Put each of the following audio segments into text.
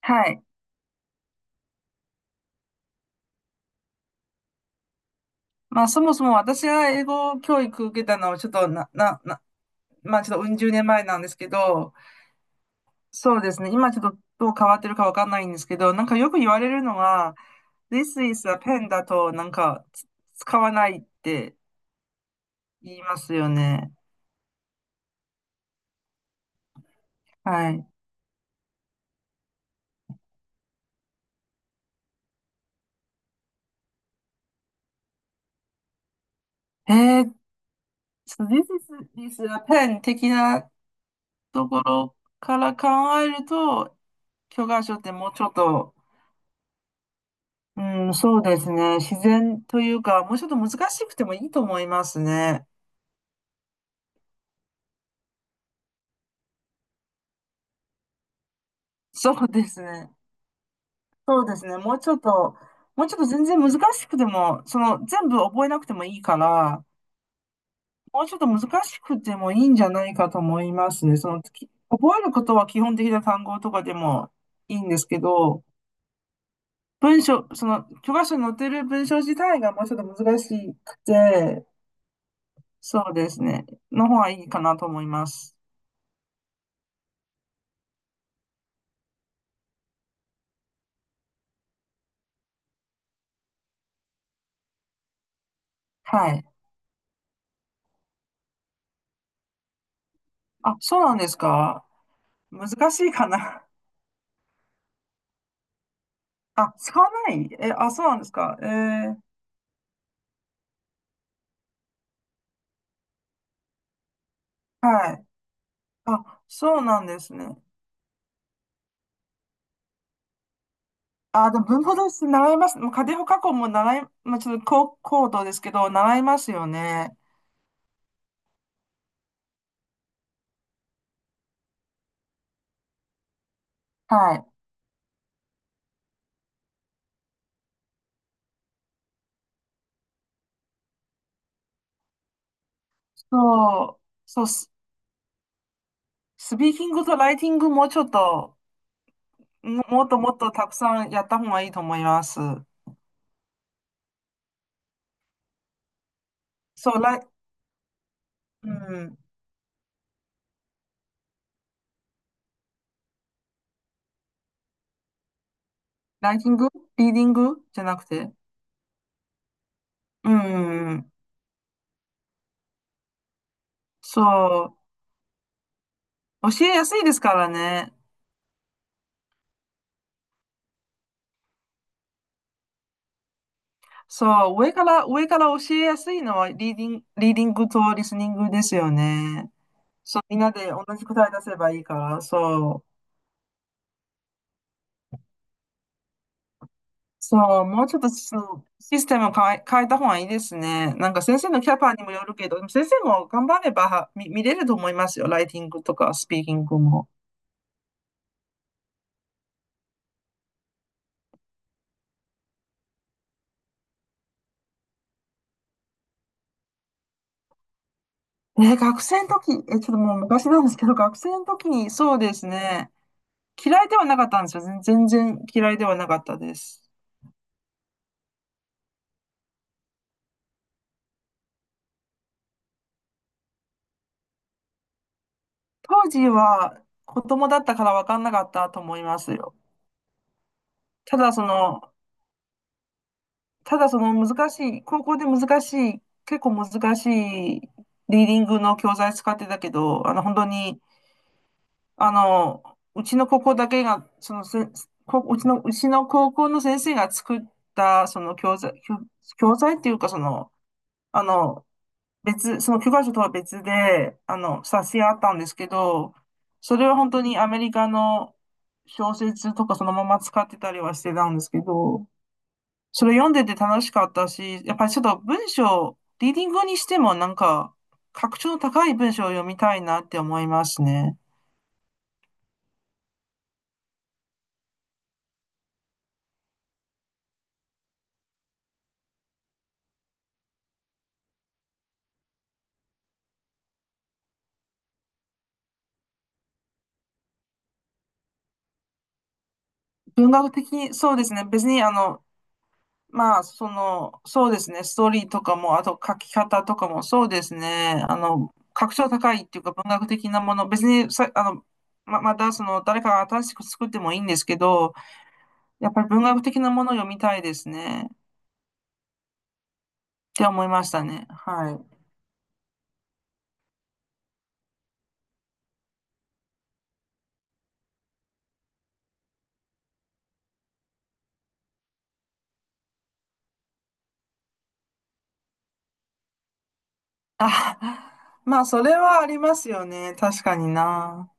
はい。まあ、そもそも私が英語教育受けたのは、ちょっとな、な、な、まあ、ちょっとうん十年前なんですけど、そうですね。今ちょっとどう変わってるかわかんないんですけど、なんかよく言われるのは、This is a pen だと、なんか、使わないって言いますよね。はい。えー、so this is, this is a pen 的なところから考えると、教科書ってもうちょっと。うん、そうですね。自然というか、もうちょっと難しくてもいいと思いますね。そうですね。そうですね。もうちょっと全然難しくても、その全部覚えなくてもいいから、もうちょっと難しくてもいいんじゃないかと思いますね。その、覚えることは基本的な単語とかでもいいんですけど、文章、その、教科書に載ってる文章自体がもうちょっと難しくて、そうですね。の方がいいかなと思います。はい。あ、そうなんですか？難しいかな。あ、使わないえ、あ、そうなんですか。はい。あ、そうなんですね。あ、でも文法動詞習います。もう仮定法過去も習い、まあ、ちょっと高度ですけど、習いますよね。はい。そう、そう、スピーキングとライティングもちょっと、もっともっとたくさんやった方がいいと思います。そう、うん、ライティング、リーディングじゃなくて。うん、そう、教えやすいですからね。そう、上から教えやすいのはリーディングとリスニングですよね。そう、みんなで同じ答え出せばいいから、そう。そう、もうちょっとそのシステムを変えた方がいいですね。なんか先生のキャパにもよるけど、でも先生も頑張れば見れると思いますよ。ライティングとかスピーキングも。え、学生の時、え、ちょっともう昔なんですけど、学生の時にそうですね。嫌いではなかったんですよ。全然嫌いではなかったです。当時は子供だったから分かんなかったと思いますよ。ただその、ただその難しい、高校で難しい、結構難しいリーディングの教材使ってたけど、本当に、あの、うちの高校だけが、そのせ、こうちの、うちの高校の先生が作った、教材っていうか、あの、その教科書とは別で、冊子があったんですけど、それは本当にアメリカの小説とかそのまま使ってたりはしてたんですけど、それ読んでて楽しかったし、やっぱりちょっと文章、リーディングにしてもなんか、格調の高い文章を読みたいなって思いますね。文学的に、そうですね。別にまあ、そうですね、ストーリーとかも、あと書き方とかも、そうですね、格調高いっていうか文学的なもの、別にさ、また誰かが新しく作ってもいいんですけど、やっぱり文学的なものを読みたいですね、って思いましたね。はい。あ、まあ、それはありますよね、確かにな。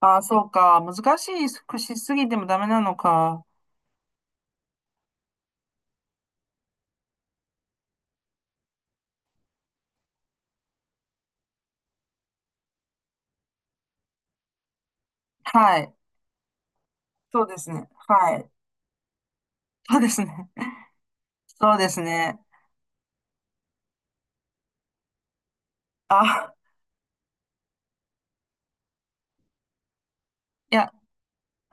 あ、そうか、難しいくしすぎてもダメなのか。はい。そうですね。はい。そうですね。そうですね。あ、いや、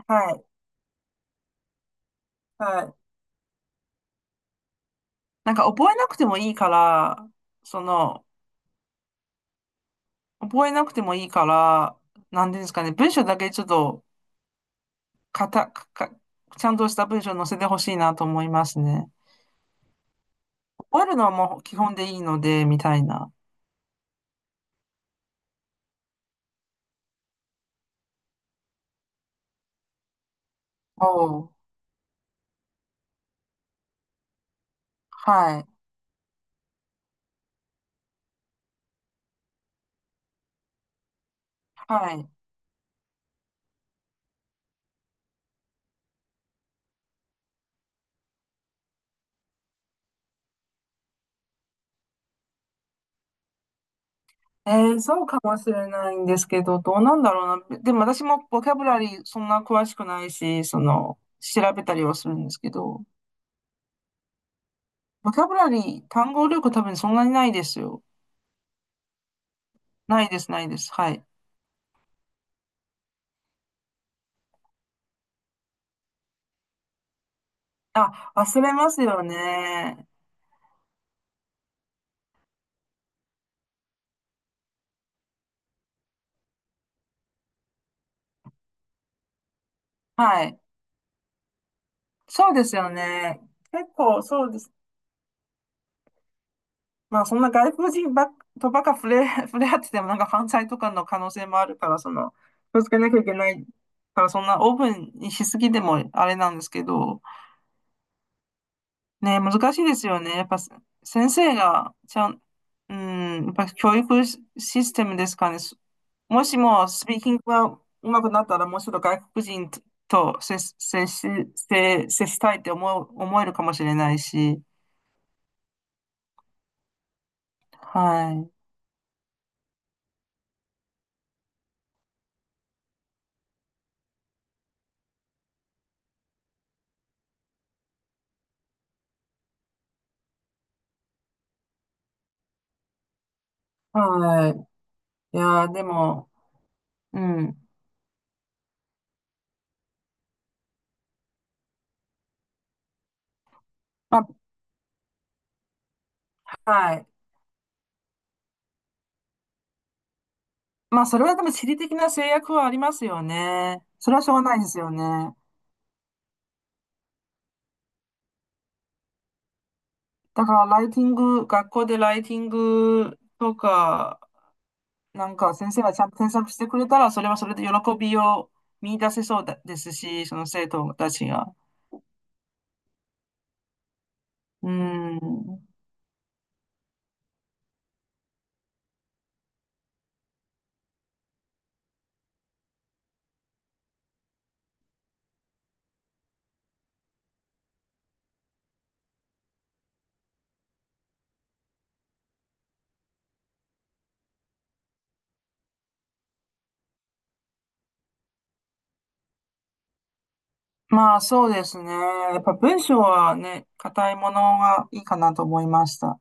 はい。はい。なんか覚えなくてもいいから、その、覚えなくてもいいから、なんていうんですかね、文章だけちょっと、かた、か、かちゃんとした文章載せてほしいなと思いますね。覚えるのはもう基本でいいので、みたいな。おう。はい。はい。そうかもしれないんですけど、どうなんだろうな。でも私もボキャブラリーそんな詳しくないし、調べたりはするんですけど、ボキャブラリー、単語力多分そんなにないですよ。ないです、ないです。はい。あ、忘れますよね。はい。そうですよね。結構そうです。まあそんな外国人ばっか触れ合っててもなんか犯罪とかの可能性もあるから、気をつけなきゃいけないから、そんなオープンにしすぎてもあれなんですけど、ね、難しいですよね。やっぱ先生がちゃん、うん、やっぱ教育システムですかね。もしもスピーキングが上手くなったら、もうちょっと外国人と接したいって思えるかもしれないし。はい。はい。いやー、でも、うん。まあ、はい。まあ、それはでも地理的な制約はありますよね。それはしょうがないですよね。だから、ライティング、学校でライティングとか、なんか先生がちゃんと添削してくれたら、それはそれで喜びを見出せそうだですし、その生徒たちが。うん。まあそうですね。やっぱ文章はね、硬いものがいいかなと思いました。